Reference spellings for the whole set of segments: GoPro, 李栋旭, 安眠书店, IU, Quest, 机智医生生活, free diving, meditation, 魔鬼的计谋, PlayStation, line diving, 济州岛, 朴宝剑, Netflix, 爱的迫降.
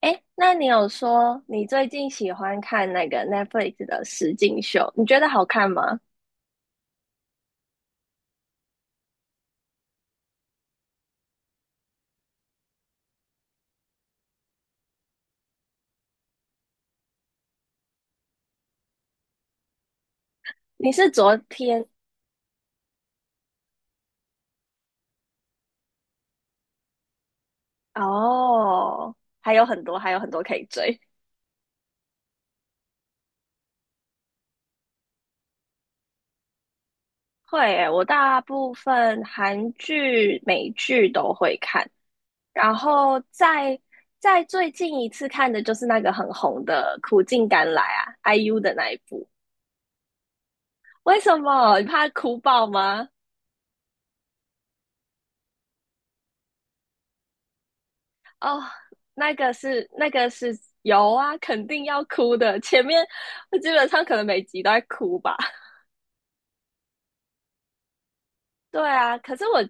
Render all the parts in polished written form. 哎，那你有说你最近喜欢看那个 Netflix 的实境秀，你觉得好看吗？你是昨天。哦，还有很多，还有很多可以追。会诶，我大部分韩剧、美剧都会看，然后在最近一次看的就是那个很红的《苦尽甘来》啊，IU 的那一部。为什么？你怕哭爆吗？哦，那个是。有啊，肯定要哭的。前面我基本上可能每集都在哭吧。对啊，可是我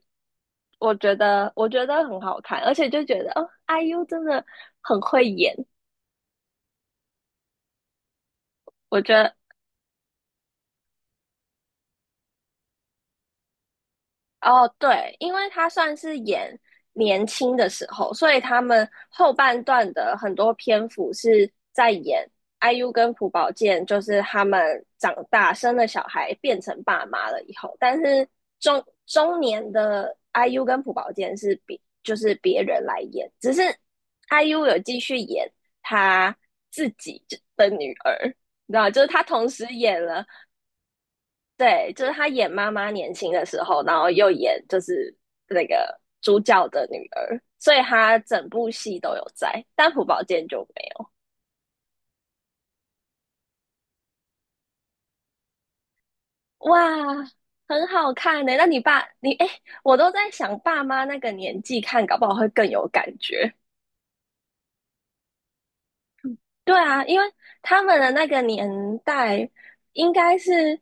我觉得我觉得很好看，而且就觉得哦，IU 真的很会演。我觉得哦，对，因为他算是演年轻的时候，所以他们后半段的很多篇幅是在演 IU 跟朴宝剑，就是他们长大生了小孩变成爸妈了以后，但是中年的 IU 跟朴宝剑是别就是别人来演，只是 IU 有继续演他自己的女儿。你知道吗？就是他同时演了，对，就是她演妈妈年轻的时候，然后又演就是那个主角的女儿，所以她整部戏都有在，但朴宝剑就没有。哇，很好看呢，那你爸，你，哎，我都在想，爸妈那个年纪看，搞不好会更有感觉。对啊，因为他们的那个年代应该是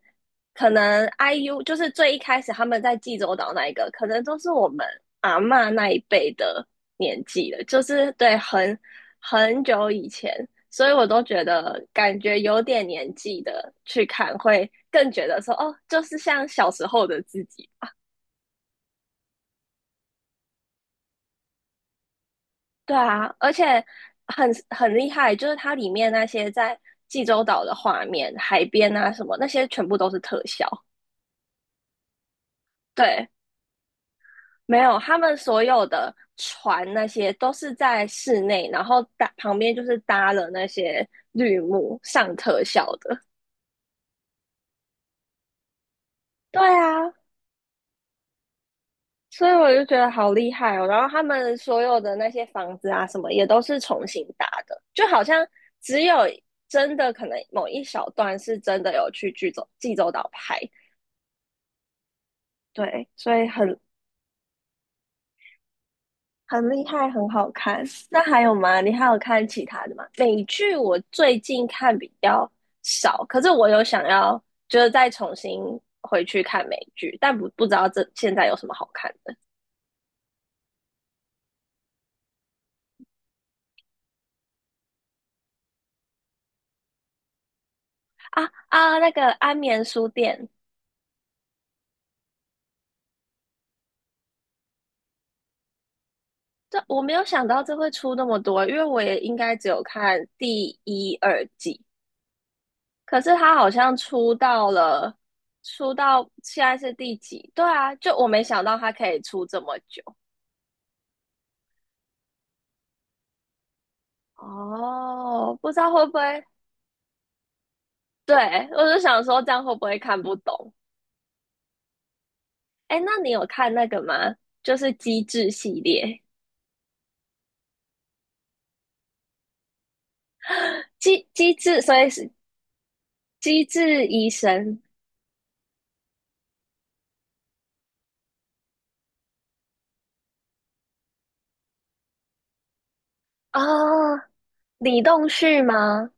可能 IU 就是最一开始他们在济州岛那一个，可能都是我们阿嬷那一辈的年纪了，就是对很久以前，所以我都觉得感觉有点年纪的去看会更觉得说哦，就是像小时候的自己。对啊，而且很厉害，就是它里面那些在济州岛的画面、海边啊什么，那些全部都是特效。对，没有，他们所有的船那些都是在室内，然后搭旁边就是搭了那些绿幕上特效的。对啊，所以我就觉得好厉害哦。然后他们所有的那些房子啊什么，也都是重新搭的，就好像只有真的可能某一小段是真的有去济州岛拍，对，所以很厉害，很好看。那还有吗？你还有看其他的吗？美剧我最近看比较少，可是我有想要就是再重新回去看美剧，但不知道这现在有什么好看的。啊啊！那个《安眠书店》，这我没有想到这会出那么多，因为我也应该只有看第一、二季，可是它好像出到现在是第几？对啊，就我没想到它可以出这么久。哦，不知道会不会。对，我就想说这样会不会看不懂？哎，那你有看那个吗？就是机智系列。机智，所以是机智医生啊。哦，李栋旭吗？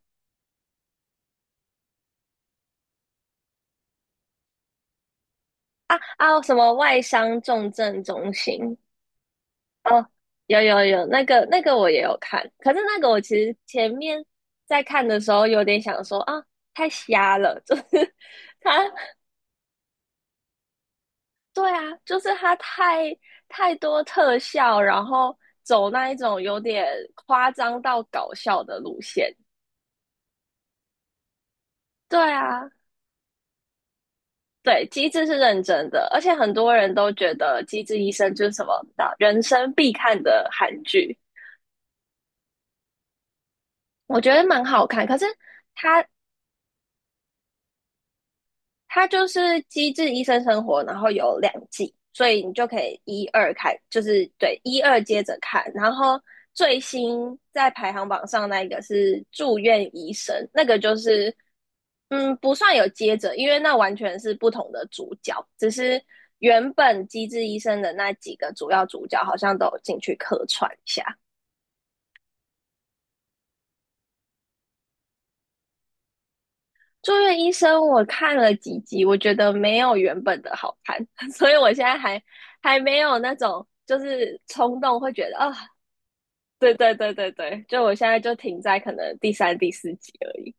啊啊，什么外伤重症中心？哦，有有有，那个那个我也有看，可是那个我其实前面在看的时候有点想说啊，太瞎了，就是 他。对啊，就是它太多特效，然后走那一种有点夸张到搞笑的路线。对啊，对，机智是认真的，而且很多人都觉得《机智医生》就是什么的人生必看的韩剧，我觉得蛮好看。可是它它就是《机智医生生活》，然后有两季，所以你就可以一二开，就是对一二接着看。然后最新在排行榜上那一个是《住院医生》，那个就是嗯不算有接着，因为那完全是不同的主角，只是原本《机智医生》的那几个主要主角好像都有进去客串一下。住院医生我看了几集，我觉得没有原本的好看，所以我现在还没有那种就是冲动会觉得啊。对对对对对，就我现在就停在可能第三、第四集而已。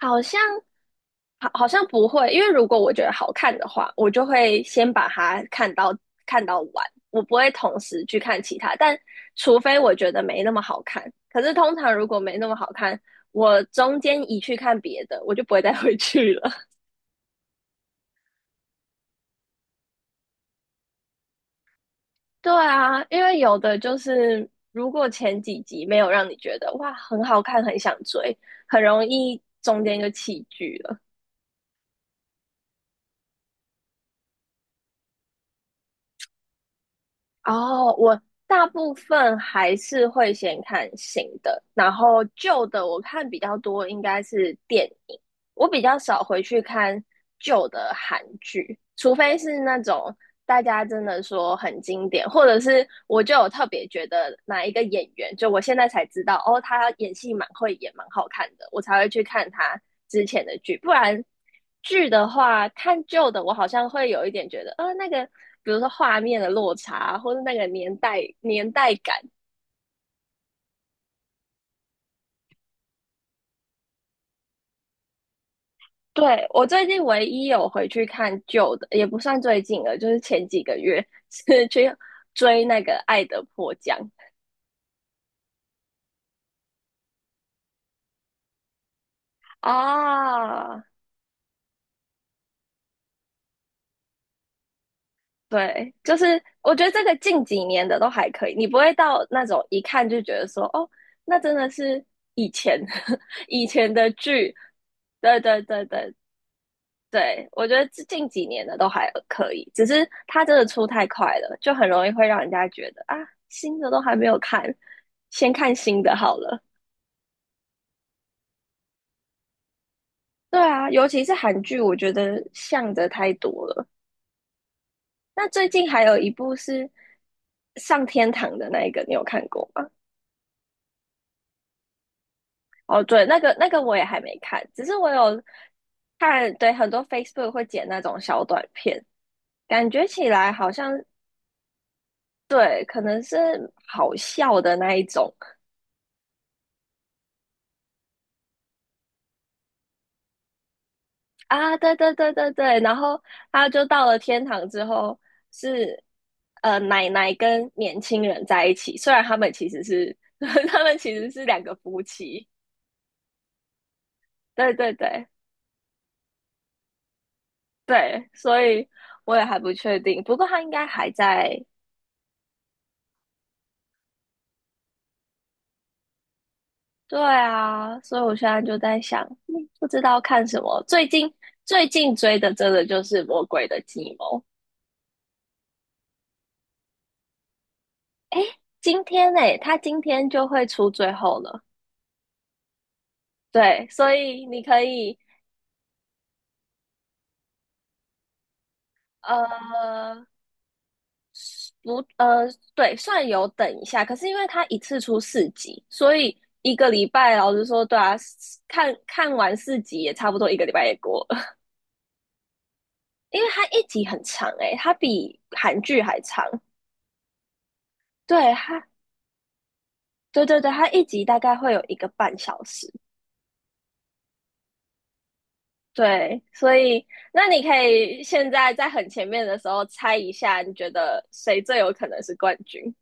好像好好像不会，因为如果我觉得好看的话，我就会先把它看到完，我不会同时去看其他，但除非我觉得没那么好看，可是通常如果没那么好看，我中间一去看别的，我就不会再回去了。对啊，因为有的就是如果前几集没有让你觉得哇很好看，很想追，很容易中间就弃剧了。哦，我大部分还是会先看新的，然后旧的我看比较多，应该是电影。我比较少回去看旧的韩剧，除非是那种大家真的说很经典，或者是我就有特别觉得哪一个演员，就我现在才知道哦，他演戏蛮会演，蛮好看的，我才会去看他之前的剧。不然剧的话，看旧的我好像会有一点觉得，那个比如说画面的落差，或者那个年代感，对，我最近唯一有回去看旧的，也不算最近了，就是前几个月 是去追那个《爱的迫降》啊。对，就是我觉得这个近几年的都还可以，你不会到那种一看就觉得说，哦，那真的是以前 以前的剧。对对对对对，我觉得近几年的都还可以，只是它真的出太快了，就很容易会让人家觉得啊，新的都还没有看，先看新的好了。对啊，尤其是韩剧，我觉得像的太多了。那最近还有一部是上天堂的那一个，你有看过吗？哦，对，那个那个我也还没看，只是我有看，对，很多 Facebook 会剪那种小短片，感觉起来好像对，可能是好笑的那一种。啊，对对对对对，然后他就到了天堂之后是奶奶跟年轻人在一起，虽然他们其实是 他们其实是两个夫妻，对对对对，所以我也还不确定，不过他应该还在。对啊，所以我现在就在想，嗯不知道看什么，最近最近追的真的就是《魔鬼的计谋》。今天呢，他今天就会出最后了。对，所以你可以，呃，不，对，算有等一下，可是因为他一次出四集，所以一个礼拜，老实说，对啊，看看完四集也差不多一个礼拜也过了，因为他一集很长诶，他比韩剧还长。对，他，对对对，他一集大概会有一个半小时。对，所以那你可以现在在很前面的时候猜一下，你觉得谁最有可能是冠军？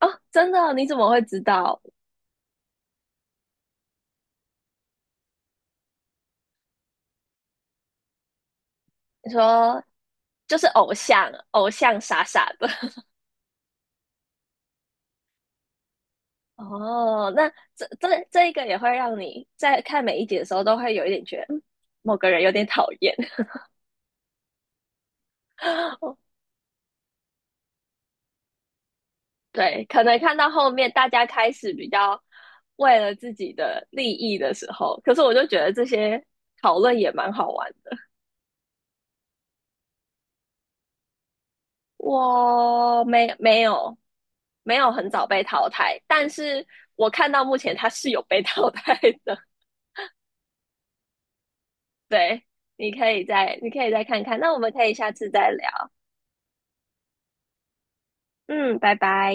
哦，真的哦，你怎么会知道？你说就是偶像，偶像傻傻的。哦，那这一个也会让你在看每一集的时候都会有一点觉得，嗯某个人有点讨厌。哦对，可能看到后面大家开始比较为了自己的利益的时候，可是我就觉得这些讨论也蛮好玩的。我没有很早被淘汰，但是我看到目前他是有被淘汰的。对，你可以再看看，那我们可以下次再聊。嗯，拜拜。